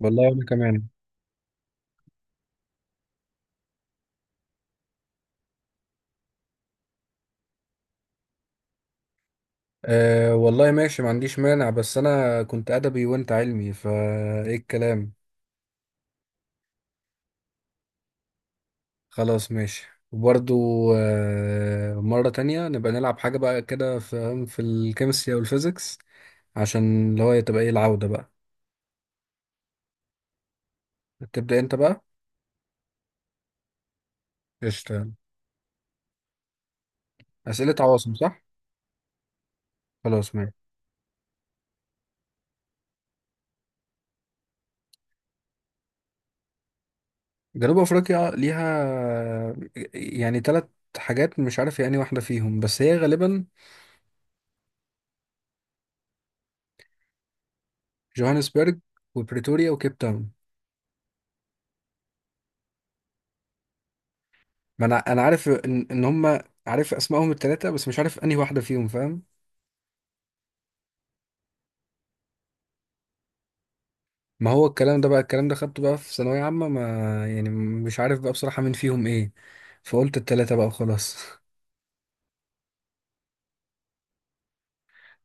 والله وانا كمان. أه والله ماشي، ما عنديش مانع، بس انا كنت ادبي وانت علمي، فايه الكلام؟ خلاص ماشي. وبرضو أه، مرة تانية نبقى نلعب حاجة بقى كده في الكيمستري او الفيزيكس، عشان اللي هو تبقى ايه العودة بقى. تبدأ انت بقى. قشطة. أسئلة عواصم، صح؟ خلاص ماشي. جنوب افريقيا ليها يعني ثلاث حاجات، مش عارف يعني واحدة فيهم بس هي غالبا جوهانسبرج وبريتوريا وكيب تاون. ما انا عارف ان هم، عارف اسمائهم الثلاثه بس مش عارف انهي واحده فيهم، فاهم؟ ما هو الكلام ده بقى، الكلام ده خدته بقى في ثانويه عامه، ما يعني مش عارف بقى بصراحه مين فيهم ايه، فقلت الثلاثه بقى وخلاص.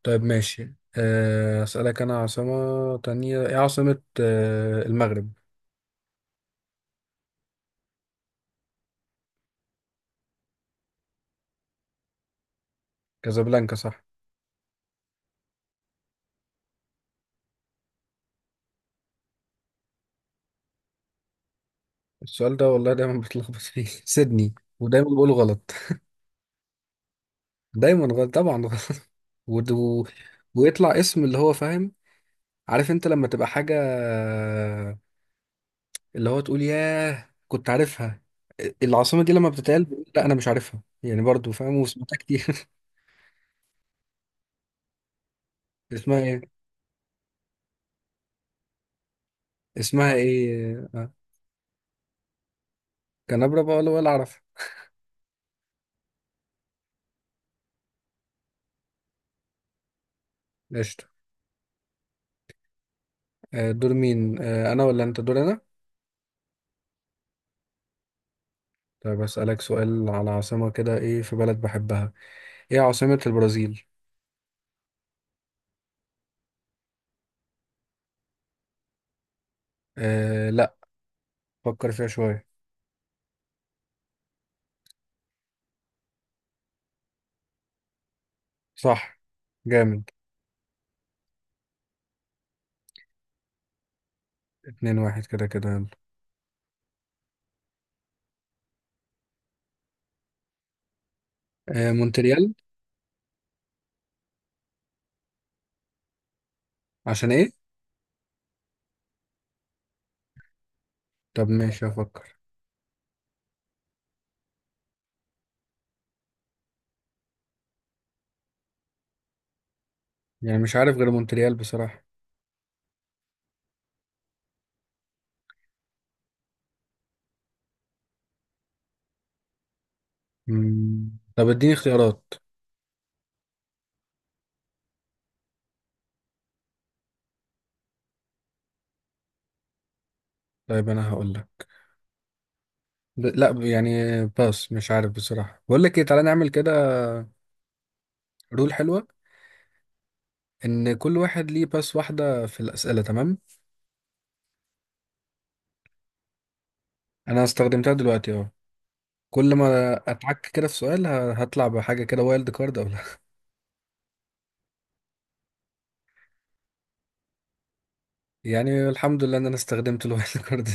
طيب ماشي. اسالك انا عاصمه تانية. ايه عاصمه المغرب؟ كازابلانكا، صح. السؤال ده والله دايما بتلخبط فيه. سيدني. ودايما بقوله غلط، دايما غلط طبعا غلط. ود- و... ويطلع اسم اللي هو، فاهم؟ عارف انت لما تبقى حاجه اللي هو تقول ياه كنت عارفها؟ العاصمة دي لما بتتقال بقول لا أنا مش عارفها، يعني برضو فاهم، وسمعتها كتير. اسمها إيه؟ اسمها إيه؟ كنبرة بقى، ولا أعرف. قشطة. دور مين؟ أنا ولا أنت؟ دور أنا. طيب أسألك سؤال على عاصمة كده. إيه في بلد بحبها؟ إيه عاصمة البرازيل؟ أه لا، فكر فيها شوية. صح. جامد. 2-1 كده كده يلا. أه مونتريال. عشان إيه؟ طب ماشي هفكر. يعني مش عارف غير مونتريال بصراحة. مم. طب اديني اختيارات. طيب انا هقول لك. لا يعني باس، مش عارف بصراحة. بقول لك ايه، تعالى نعمل كده، رول حلوة، ان كل واحد ليه باس واحدة في الأسئلة، تمام؟ انا استخدمتها دلوقتي اهو. كل ما اتعك كده في سؤال هطلع بحاجة كده، وايلد كارد او لا. يعني الحمد لله ان انا استخدمت الوايلد كارد.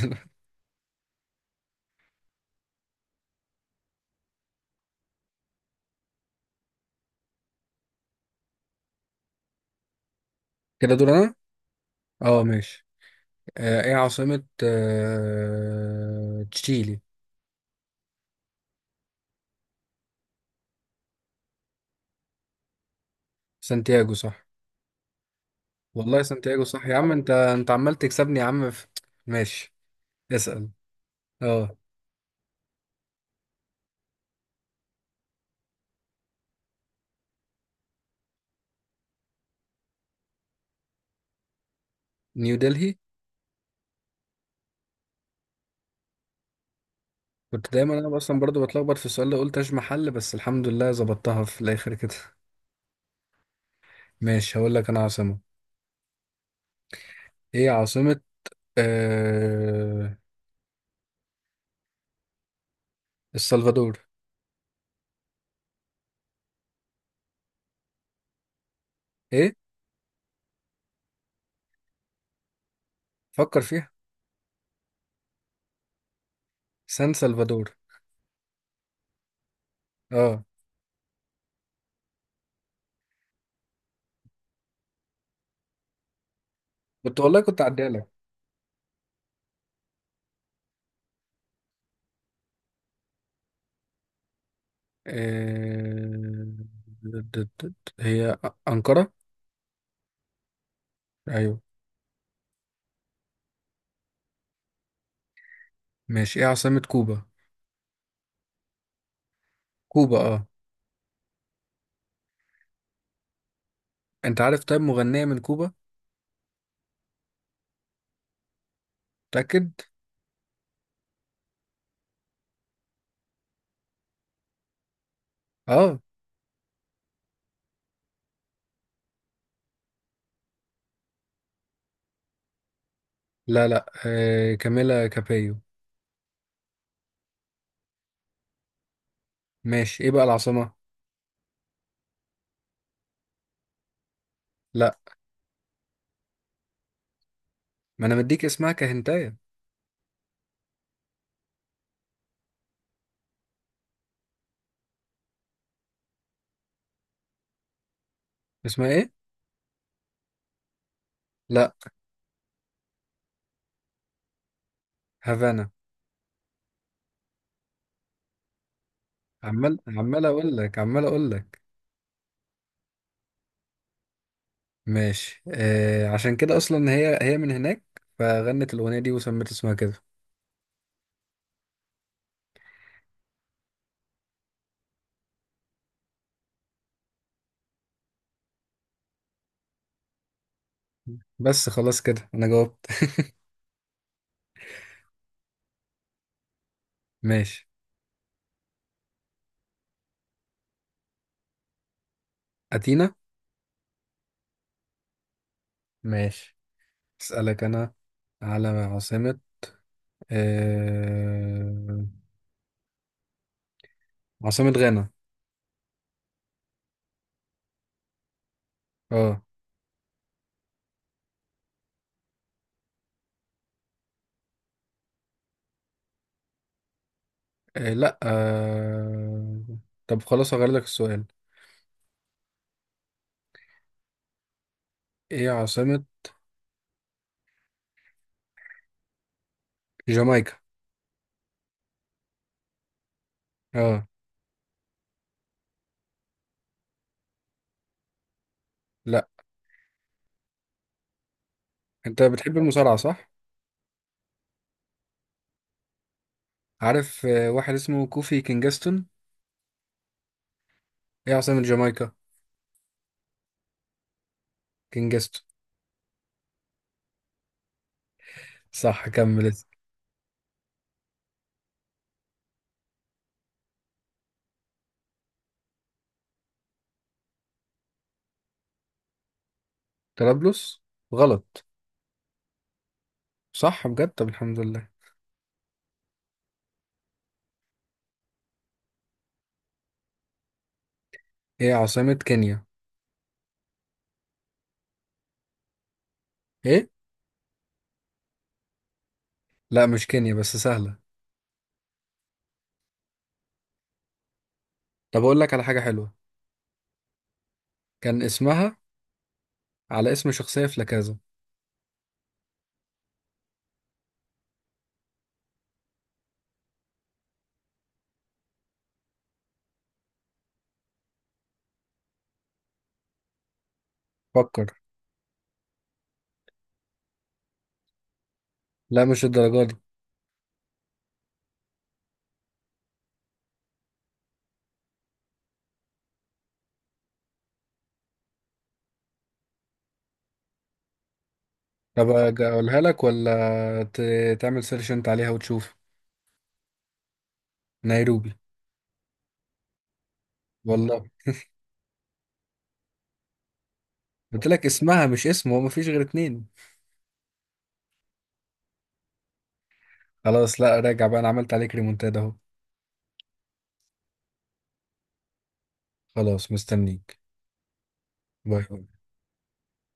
كده دور انا. اه ماشي. ايه عاصمة تشيلي؟ سانتياغو، صح. والله سانتياغو صح، يا عم انت عمال تكسبني، يا عم ماشي، اسأل. اه، نيو دلهي. كنت دايما انا اصلا برضو بتلخبط في السؤال ده، قلت اش محل، بس الحمد لله ظبطتها في الاخر كده. ماشي هقول لك انا عاصمة. ايه عاصمة آه... السلفادور؟ ايه، فكر فيها. سان سلفادور. اه، كنت والله كنت عديها لك. آه... د- د- د- هي أنقرة. ايوه. ماشي. ايه عاصمة كوبا؟ كوبا اه. انت عارف طيب مغنية من كوبا؟ متأكد. اه، لا لا، كاميلا كابيو. ماشي، ايه بقى العاصمة؟ لا، ما انا مديك اسمها كهنتايه. اسمها ايه؟ لا، هافانا. عمال عمال اقول لك، عمال اقول لك. ماشي عشان كده اصلا هي من هناك، فغنت الاغنيه دي وسمت اسمها كده. بس خلاص كده انا جاوبت. ماشي. اتينا. ماشي اسالك انا على آه عاصمه غانا. اه. لا. طب خلاص هغير لك السؤال. ايه عاصمه جامايكا؟ اه. لا. انت بتحب المصارعه، صح؟ عارف واحد اسمه كوفي كينجستون. ايه عاصمة جامايكا؟ كينجستون. صح، كمل اسم. طرابلس. غلط؟ صح بجد، طب الحمد لله. ايه عاصمة كينيا؟ ايه؟ لا مش كينيا بس سهلة. طب اقول لك على حاجة حلوة. كان اسمها على اسم شخصية في لاكازا. فكر. لا مش الدرجة دي. طب اقولها لك، ولا تعمل سيرش انت عليها وتشوف؟ نيروبي. والله. قلت لك اسمها مش اسم، هو مفيش غير اتنين. خلاص لا راجع بقى، انا عملت عليك ريمونتادا اهو. خلاص مستنيك. باي.